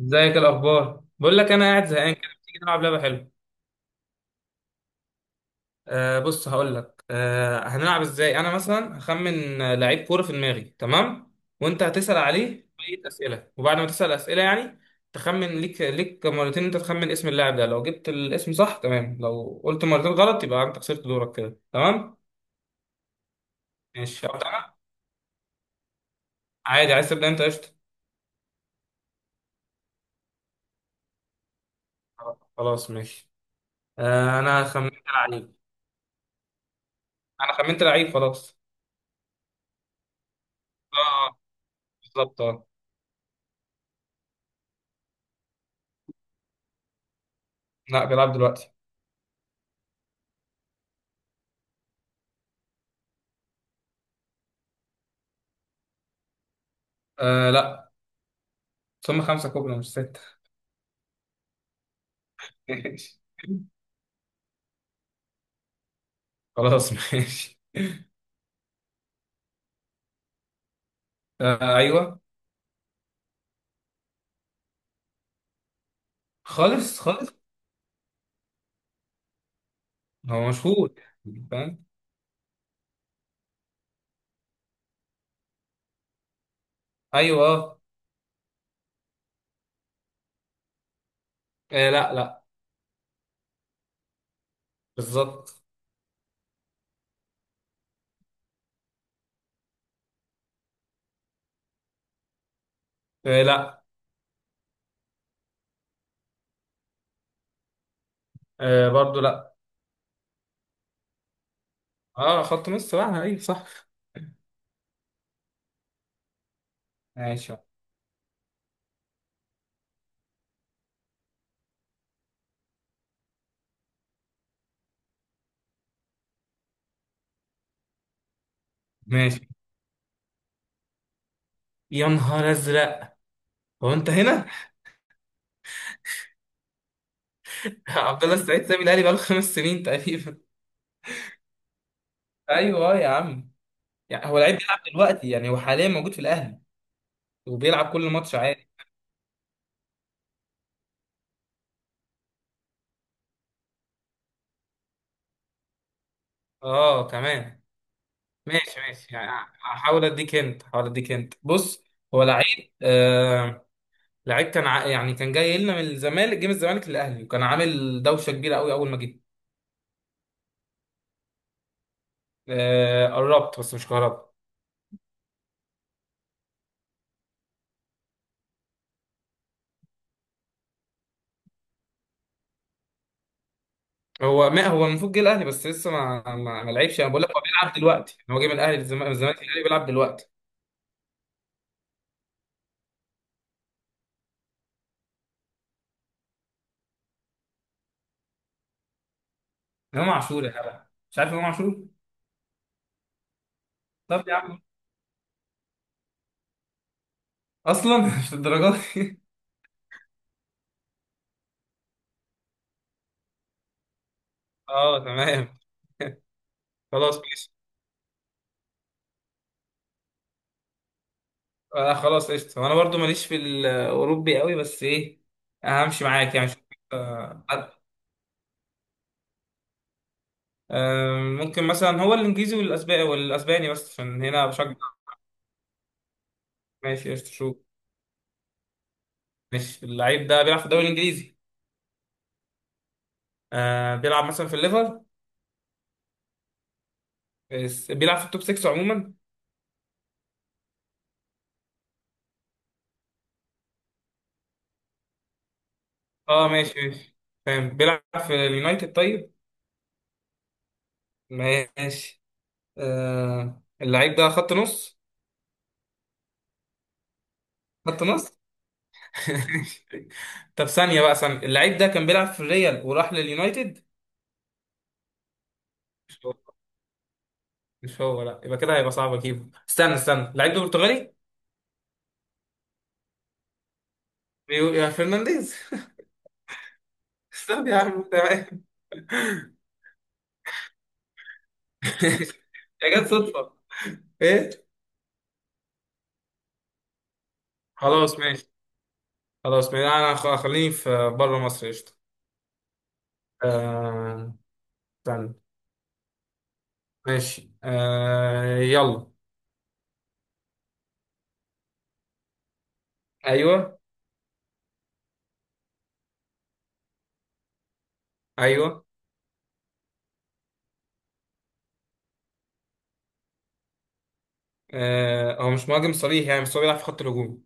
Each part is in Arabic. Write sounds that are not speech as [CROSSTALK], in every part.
ازيك؟ الاخبار؟ بقول لك انا قاعد زهقان كده، تيجي نلعب لعبه حلوه؟ آه بص، هقول لك هنلعب ازاي. انا مثلا هخمن لعيب كوره في دماغي، تمام؟ وانت هتسال عليه بقيه اسئله، وبعد ما تسال اسئله يعني تخمن ليك مرتين. انت تخمن اسم اللاعب ده، لو جبت الاسم صح تمام، لو قلت مرتين غلط يبقى انت خسرت دورك كده، تمام؟ ماشي، ابدا انا. عادي، عايز تبدا انت؟ قشطه. خلاص ماشي. آه، انا خمنت لعيب. انا خمنت لعيب خلاص. اه بالظبط اه. لا، بيلعب دلوقتي. آه لا. ثم 5 كوبري مش 6. [LAUGHS] ماشي. خلاص ماشي. آه أيوه. خالص خالص. هو مشهور يعني، فاهم. أيوه آه. آه، لا لا. بالظبط. آه لا. آه برضه لا. اه، خط مصر بقى أيوه صح. ماشي ماشي. يا نهار أزرق. هو أنت هنا؟ [LAUGHS] عبد الله السعيد سابي الأهلي بقاله 5 سنين تقريبا. ايوه يا عم. يعني هو لعيب بيلعب دلوقتي، يعني هو حاليا موجود في الاهلي وبيلعب كل ماتش عادي. اه كمان. ماشي ماشي يعني. هحاول اديك انت، هحاول اديك انت، بص. هو لعيب لعيب كان يعني كان جاي لنا من الزمالك، جه من الزمالك للاهلي، وكان عامل دوشه كبيره قوي اول ما جه. آه قربت بس مش قربت. هو ما هو المفروض جه الاهلي بس لسه ما لعبش. انا بقول لك هو بيلعب دلوقتي، يعني هو جه من الاهلي للزمالك، من الزمالك للاهلي، بيلعب دلوقتي. امام عاشور يا جدع. مش عارف امام عاشور. طب يا عم. اصلا [LAUGHS] مش الدرجات دي. اه تمام. خلاص ماشي. انا خلاص قشطه، وانا برضو ماليش في الاوروبي قوي، بس ايه. همشي معاك يعني، مش حد. آه، ممكن مثلا هو الانجليزي والاسباني بس عشان هنا بشجع. ماشي قشطه شو. ماشي، اللعيب ده بيلعب في الدوري الانجليزي. بيلعب مثلا في الليفر. بيلعب في التوب 6 عموما. اه ماشي ماشي، فاهم. بيلعب في اليونايتد طيب. ماشي اللعيب ده خط نص. خط نص [LAUGHS] طب ثانية بقى ثانية، اللعيب ده كان بيلعب في الريال وراح لليونايتد. مش هو، لا يبقى كده هيبقى صعب اجيبه. استنى استنى، لعيب برتغالي. بيقول يا فرنانديز. [LAUGHS] استنى يا عم، تمام. [LAUGHS] يا جت صدفة. ايه. خلاص ماشي. خلاص ماشي، انا خليني في بره مصر قشطة. آه، استنى. ماشي يلا. ايوه. ايوه. هو مش مهاجم صريح يعني، بس هو بيلعب في خط الهجوم.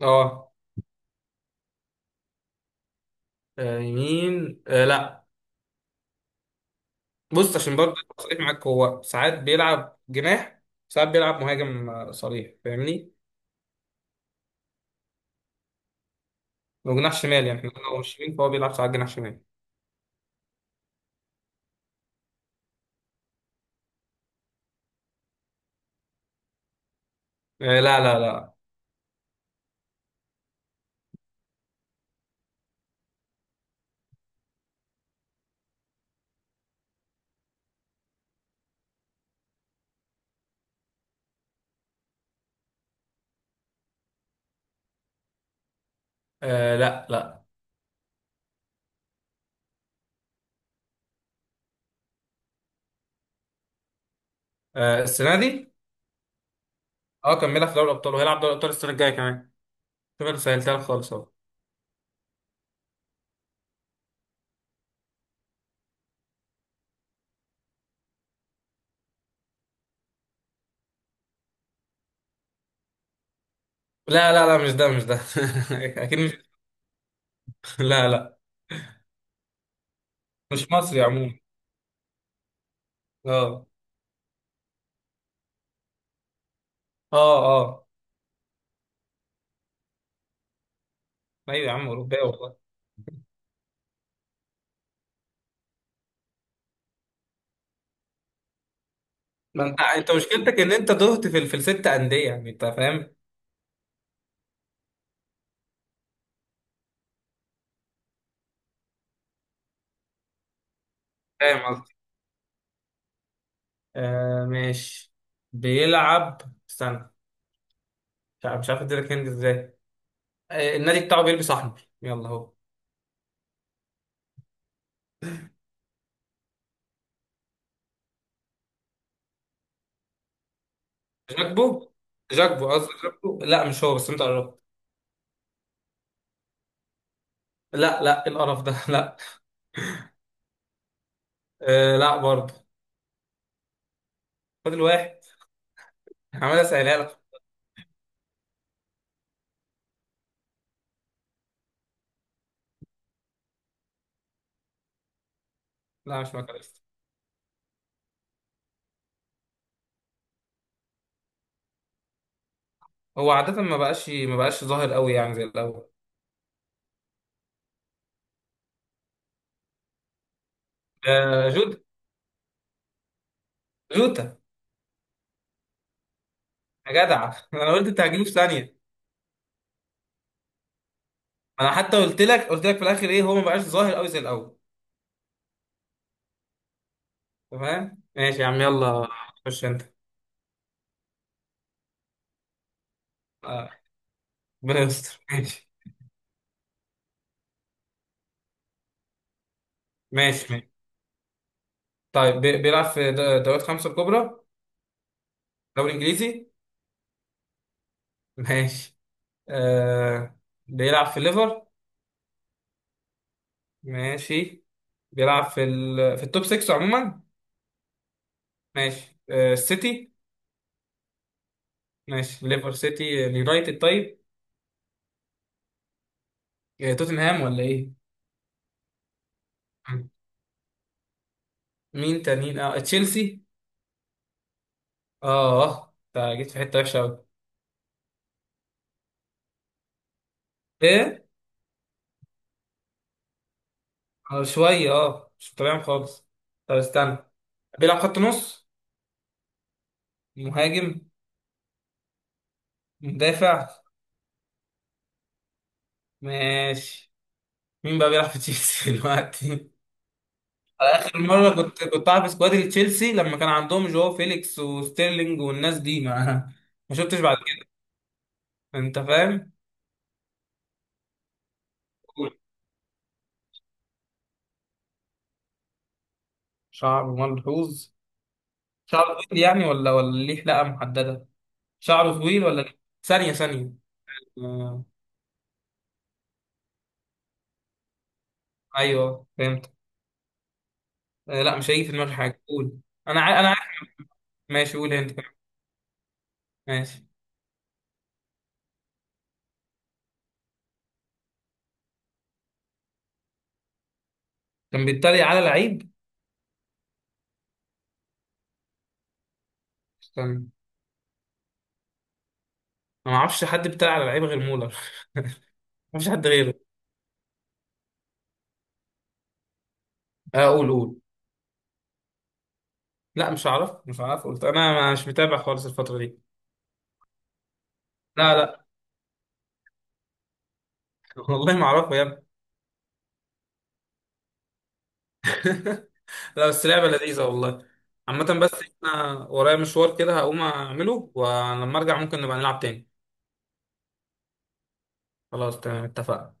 اه. يمين لا. بص عشان برضه أبقى صريح معاك، هو ساعات بيلعب جناح، ساعات بيلعب مهاجم صريح، فاهمني. وجناح شمال يعني، احنا لو مش شمال فهو بيلعب ساعات جناح شمال. آه لا لا لا. آه لا لا. آه السنه دي. اه كان بيلعب في دوري الابطال، وهيلعب دوري الابطال السنه الجايه كمان. شوف، انا سهلتها لك خالص اهو. لا لا لا، مش ده مش ده. [LAUGHS] اكيد مش. لا لا. مش مصري عموما. اه اه. اه. ايوه يا عم، اوروبيه والله. ما انت مشكلتك ان انت تهت في الست انديه، يعني انت فاهم. فاهم قصدي. آه ماشي. بيلعب. استنى. مش عارف اديلك هند ازاي. النادي بتاعه بيلبس احمر، يلا اهو. جاكبو. جاكبو قصدي جاكبو، لا مش هو بس انت قربت. لا لا، إيه القرف ده، لا. آه لا برضه. فاضل واحد. عمال اسالها لك. لا مش ماكاليستر. هو عادة ما بقاش ظاهر قوي يعني زي الاول. جود. جوتا. يا جدع [LAUGHS] انا قلت انت هتجيبه في ثانية. انا حتى قلت لك في الاخر ايه، هو ما بقاش ظاهر قوي زي الاول. تمام ماشي يا عم يلا. خش انت. آه، ربنا يستر. [LAUGHS] ماشي. ماشي ماشي. طيب بيلعب دوريات خمسة الكبرى. دوري انجليزي. ماشي. آه بيلعب في ليفر. ماشي. بيلعب في التوب 6 عموما. ماشي السيتي. ماشي، ليفر سيتي اليونايتد طيب. توتنهام ولا ايه. مم. مين تانيين تشيلسي. اه اه، انت جيت في حته وحشه قوي. ايه. شويه مش تمام خالص. طب استنى. بيلعب خط نص. مهاجم. مدافع. ماشي. مين بقى بيلعب في تشيلسي [LAUGHS] دلوقتي. على اخر مره كنت عارف سكواد تشيلسي لما كان عندهم جو فيليكس وستيرلينج والناس دي ما [LAUGHS] ما شفتش بعد كده، انت فاهم. شعره ملحوظ. شعره طويل يعني ولا ليه حلقه محدده. شعره طويل ولا ليه؟ ثانيه ثانيه. آه. ايوه فهمت. آه لا، مش هيجي في دماغي حاجه، قول. انا انا عارف. ماشي، قول انت كمان. ماشي. كان بيتريق على لعيب. استنى. انا ما اعرفش حد بيتريق على لعيب غير مولر. [LAUGHS] ما فيش حد غيره. آه، قول قول. لا مش هعرف مش هعرف، قلت انا مش متابع خالص الفتره دي. لا لا. [LAUGHS] والله ما اعرفه يا ابني. [LAUGHS] لا، بس لعبه لذيذه والله. عامه بس، انا ورايا مشوار كده هقوم اعمله، ولما ارجع ممكن نبقى نلعب تاني. خلاص تمام، اتفقنا.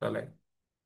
سلام.